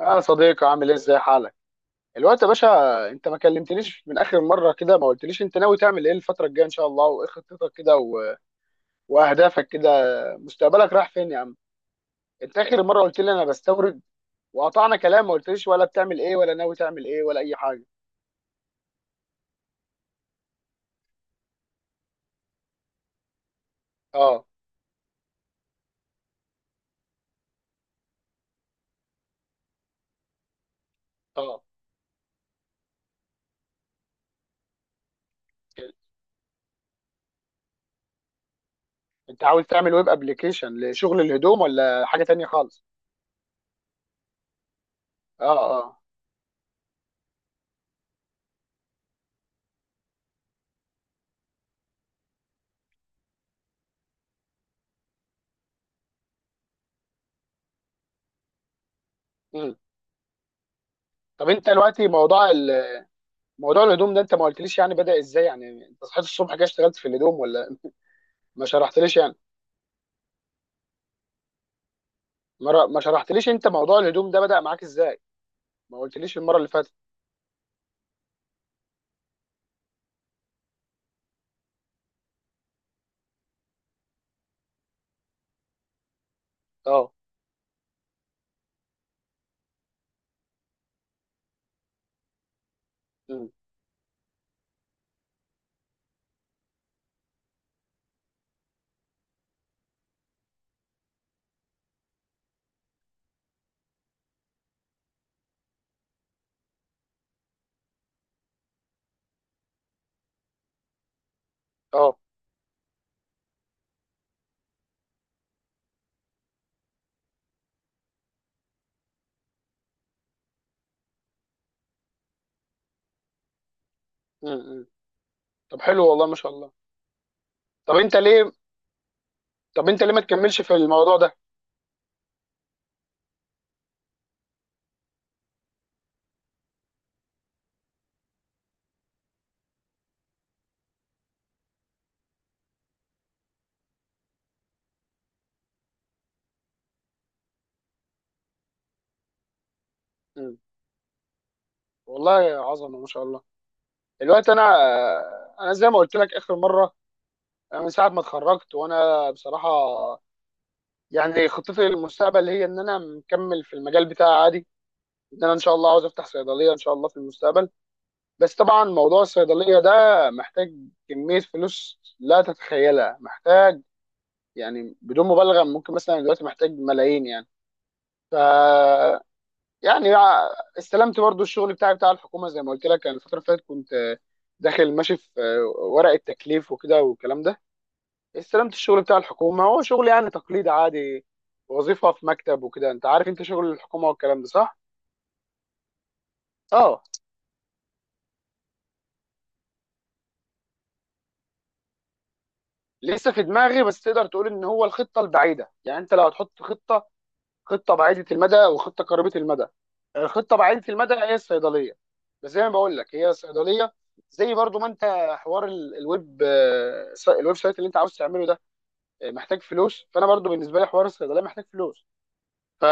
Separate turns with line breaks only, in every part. اه صديقي، عامل ايه؟ ازاي حالك الوقت يا باشا؟ انت ما كلمتنيش من اخر مره كده. ما قلتليش انت ناوي تعمل ايه الفتره الجايه ان شاء الله، وايه خطتك كده واهدافك كده، مستقبلك رايح فين يا عم؟ انت اخر مره قلت لي انا بستورد، وقطعنا كلام. ما قلتليش ولا بتعمل ايه ولا ناوي تعمل ايه ولا اي حاجه. اه. اه. انت عاوز تعمل ويب ابلكيشن لشغل الهدوم ولا حاجه تانية خالص؟ اه. اه. مم. طب انت دلوقتي موضوع موضوع الهدوم ده انت ما قلتليش يعني بدأ ازاي؟ يعني انت صحيت الصبح كده اشتغلت في الهدوم ولا ما شرحتليش يعني؟ مرة ما شرحتليش انت موضوع الهدوم ده بدأ معاك ازاي. ما قلتليش المرة اللي فاتت. اه. مم. اه. مم. مم. طب حلو والله ما شاء الله. طب انت ليه، طب انت ليه ما تكملش في الموضوع ده؟ مم. والله عظمة ما شاء الله. دلوقتي انا، انا زي ما قلت لك اخر مرة، انا من ساعة ما اتخرجت وانا بصراحة يعني خطتي للمستقبل هي ان انا مكمل في المجال بتاعي عادي. ان انا ان شاء الله عاوز افتح صيدلية ان شاء الله في المستقبل. بس طبعا موضوع الصيدلية ده محتاج كمية فلوس لا تتخيلها، محتاج يعني بدون مبالغه، ممكن مثلا دلوقتي محتاج ملايين يعني. ف يعني استلمت برضو الشغل بتاعي بتاع الحكومه زي ما قلت لك. انا الفتره اللي فاتت كنت داخل ماشي في ورقه تكليف وكده والكلام ده. استلمت الشغل بتاع الحكومه، هو شغل يعني تقليد عادي، وظيفه في مكتب وكده. انت عارف انت شغل الحكومه والكلام ده، صح؟ اه. لسه في دماغي، بس تقدر تقول ان هو الخطه البعيده. يعني انت لو هتحط خطه، خطه بعيده المدى وخطه قريبه المدى، الخطه بعيده المدى هي الصيدليه. بس زي ما بقول لك هي صيدليه، زي برضو ما انت، حوار الويب الويب سايت اللي انت عاوز تعمله ده محتاج فلوس. فانا برضو بالنسبه لي حوار الصيدليه محتاج فلوس. ف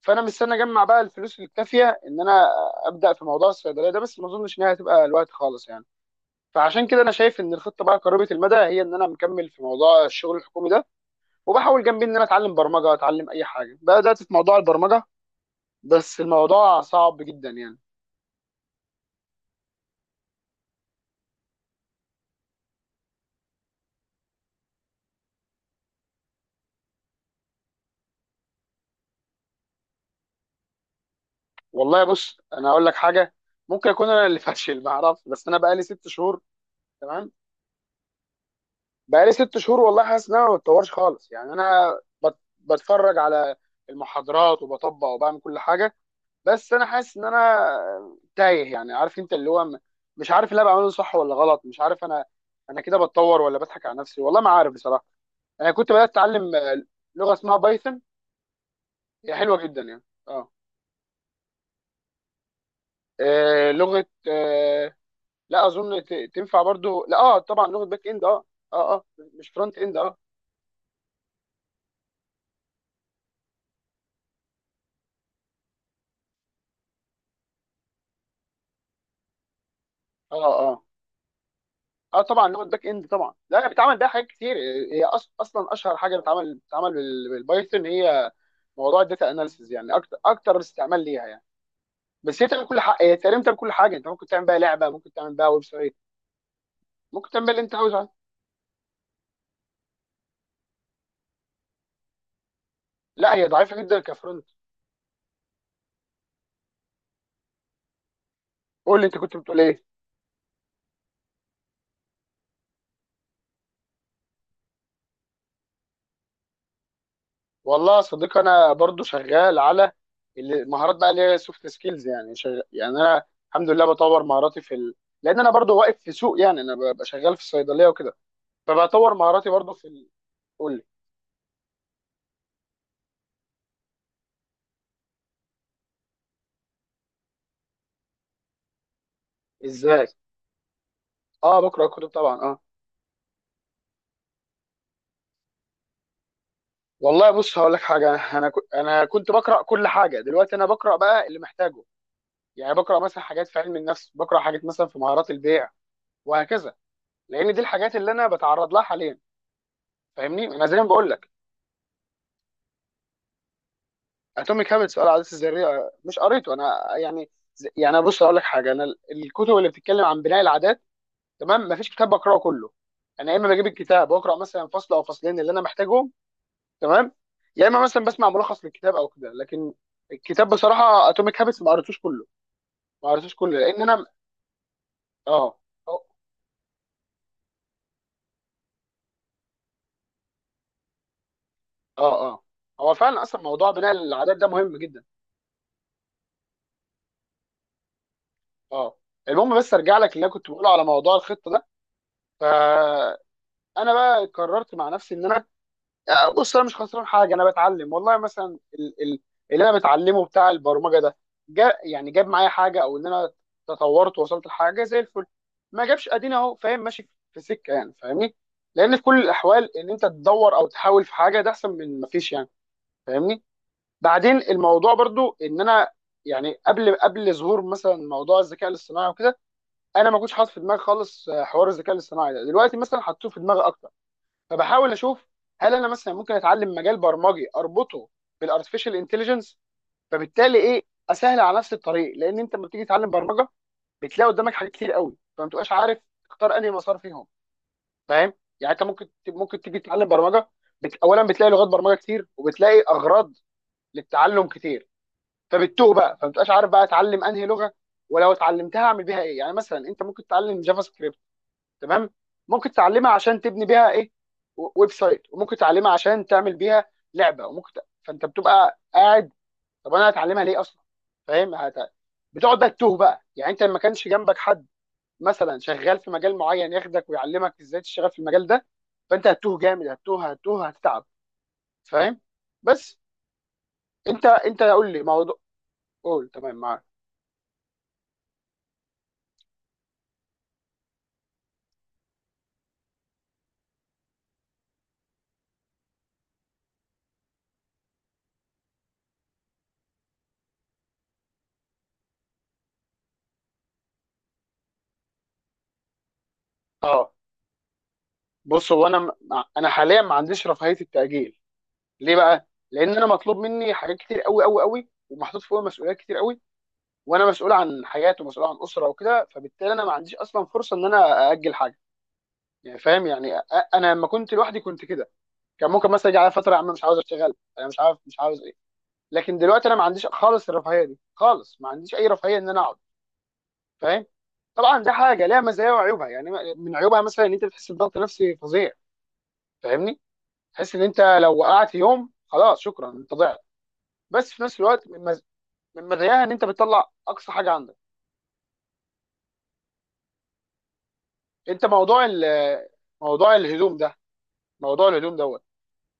فانا مستني اجمع بقى الفلوس الكافيه ان انا ابدا في موضوع الصيدليه ده، بس ما اظنش انها هتبقى الوقت خالص يعني. فعشان كده انا شايف ان الخطه بقى قريبه المدى هي ان انا مكمل في موضوع الشغل الحكومي ده، وبحاول جنبي ان انا اتعلم برمجه، اتعلم اي حاجه بدات في موضوع البرمجه. بس الموضوع صعب جدا يعني. والله بص انا اقول لك حاجه، ممكن اكون انا اللي فاشل ما اعرفش، بس انا بقالي ست شهور. تمام. بقالي ست شهور والله حاسس ان انا ما بتطورش خالص يعني. انا بتفرج على المحاضرات وبطبق وبعمل كل حاجه، بس انا حاسس ان انا تايه يعني. عارف انت اللي هو، مش عارف اللي انا بعمله صح ولا غلط. مش عارف انا، انا كده بتطور ولا بضحك على نفسي، والله ما عارف بصراحه. انا كنت بدات اتعلم لغه اسمها بايثون، هي حلوه جدا يعني. اه. لغه لا اظن تنفع برضو. لا اه طبعا لغه باك اند. اه. اه اه مش فرونت اند. اه اه اه اه. طبعا لغه باك اند طبعا. لا هي بتتعمل بيها حاجات كتير. هي اصلا اشهر حاجه بتتعمل بالبايثون هي موضوع الداتا اناليسيز يعني. اكتر اكتر استعمال ليها يعني. بس هي تعمل كل حاجه، هي تقريبا تعمل كل حاجه. انت ممكن تعمل بيها لعبه، ممكن تعمل بيها ويب سايت، ممكن تعمل بيها اللي انت عاوزه عادي. لا هي ضعيفه جدا كفرونت. قول لي انت كنت بتقول ايه. والله يا صديقي انا برضو شغال على مهارات بقى، اللي هي سوفت سكيلز يعني. يعني انا الحمد لله بطور مهاراتي في لان انا برضو واقف في سوق يعني، انا ببقى شغال في الصيدليه وكده، فبطور مهاراتي برضو في قول لي. ازاي؟ اه بقرا كتب طبعا، اه. والله بص هقول لك حاجه، انا انا كنت بقرا كل حاجه، دلوقتي انا بقرا بقى اللي محتاجه. يعني بقرا مثلا حاجات في علم النفس، بقرا حاجات مثلا في مهارات البيع وهكذا، لان دي الحاجات اللي انا بتعرض لها حاليا. فاهمني؟ انا زي ما بقول لك، اتوميك هابتس بقى، العادات الذريه، مش قريته انا يعني. يعني بص اقول لك حاجه، انا الكتب اللي بتتكلم عن بناء العادات، تمام، مفيش كتاب بقراه كله. انا يا اما بجيب الكتاب واقرا مثلا فصل او فصلين اللي انا محتاجهم، تمام، يا اما مثلا بسمع ملخص للكتاب او كده. لكن الكتاب بصراحه اتوميك هابتس ما قريتوش كله، ما قريتوش كله لان انا، اه، اه، اه، هو فعلا اصلا موضوع بناء العادات ده مهم جدا. اه. المهم بس ارجع لك اللي انا كنت بقوله على موضوع الخطه ده. فانا بقى قررت مع نفسي ان انا، بص انا مش خسران حاجه، انا بتعلم. والله مثلا اللي انا بتعلمه بتاع البرمجه ده، جا يعني جاب معايا حاجه او ان انا تطورت ووصلت لحاجه زي الفل، ما جابش ادينا اهو، فاهم، ماشي في سكه يعني. فاهمني؟ لان في كل الاحوال ان انت تدور او تحاول في حاجه، ده احسن من ما فيش يعني. فاهمني؟ بعدين الموضوع برضو ان انا يعني، قبل ظهور مثلا موضوع الذكاء الاصطناعي وكده انا ما كنتش حاطط في دماغي خالص حوار الذكاء الاصطناعي ده. دلوقتي مثلا حطيته في دماغي اكتر، فبحاول اشوف هل انا مثلا ممكن اتعلم مجال برمجي اربطه بالارتفيشال انتليجنس. فبالتالي ايه، اسهل على نفس الطريق. لان انت لما بتيجي تتعلم برمجه بتلاقي قدامك حاجات كتير قوي، فما تبقاش عارف تختار انهي مسار فيهم. فاهم؟ يعني انت ممكن، ممكن تيجي تتعلم برمجه، اولا بتلاقي لغات برمجه كتير وبتلاقي اغراض للتعلم كتير، فبتتوه بقى، فما تبقاش عارف بقى اتعلم انهي لغه، ولو اتعلمتها اعمل بيها ايه. يعني مثلا انت ممكن تتعلم جافا سكريبت، تمام، ممكن تعلمها عشان تبني بيها ايه، ويب سايت، وممكن تعلمها عشان تعمل بيها لعبه، وممكن فانت بتبقى قاعد، طب انا هتعلمها ليه اصلا؟ فاهم؟ بتقعد بقى تتوه بقى يعني. انت لما كانش جنبك حد مثلا شغال في مجال معين ياخدك ويعلمك ازاي تشتغل في المجال ده، فانت هتتوه جامد، هتتوه، هتتوه، هتتعب. فاهم؟ بس انت، انت قول لي موضوع، قول، تمام معاك. اه بص، هو انا، انا حاليا ما عنديش رفاهيه التاجيل. ليه بقى؟ لان انا مطلوب مني حاجات كتير قوي قوي قوي، ومحطوط فوق مسؤوليات كتير قوي. وانا مسؤول عن حياته ومسؤول عن اسره وكده، فبالتالي انا ما عنديش اصلا فرصه ان انا ااجل حاجه يعني. فاهم؟ يعني انا لما كنت لوحدي كنت كده، كان ممكن مثلا يجي على فتره يا عم مش عاوز اشتغل، انا مش عارف، مش عاوز ايه. لكن دلوقتي انا ما عنديش خالص الرفاهيه دي خالص، ما عنديش اي رفاهيه ان انا اقعد. فاهم؟ طبعا ده حاجه ليها مزايا وعيوبها يعني. من عيوبها مثلا ان انت بتحس بضغط نفسي فظيع. فاهمني؟ تحس ان انت لو وقعت يوم خلاص شكرا، انت ضعت. بس في نفس الوقت من، من مراياها ان انت بتطلع اقصى حاجه عندك. انت موضوع موضوع الهدوم ده، موضوع الهدوم دوت،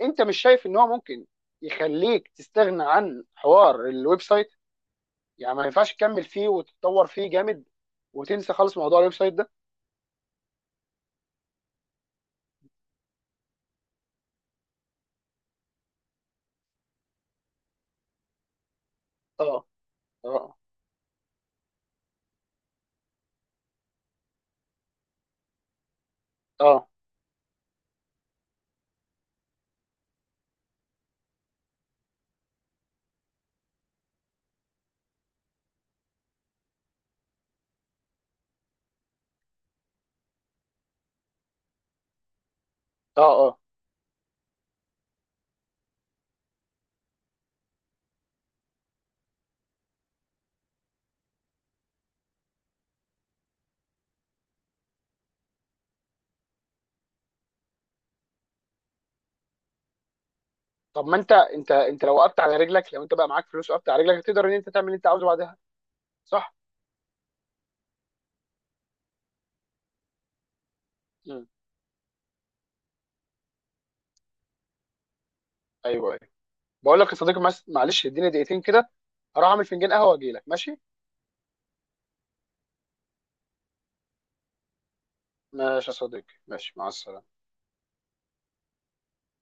انت مش شايف ان هو ممكن يخليك تستغنى عن حوار الويب سايت؟ يعني ما ينفعش تكمل فيه وتتطور فيه جامد وتنسى خالص موضوع الويب سايت ده؟ اه اه اه اه اه. طب ما انت، انت لو وقفت على رجلك، لو انت بقى معاك فلوس وقفت على رجلك تقدر ان انت تعمل اللي انت عاوزه بعدها، صح؟ مم. ايوه ايوه. بقول لك يا صديقي، معلش اديني دقيقتين كده، هروح اعمل فنجان قهوه واجي لك، ماشي؟ ماشي يا صديقي، ماشي، مع السلامه.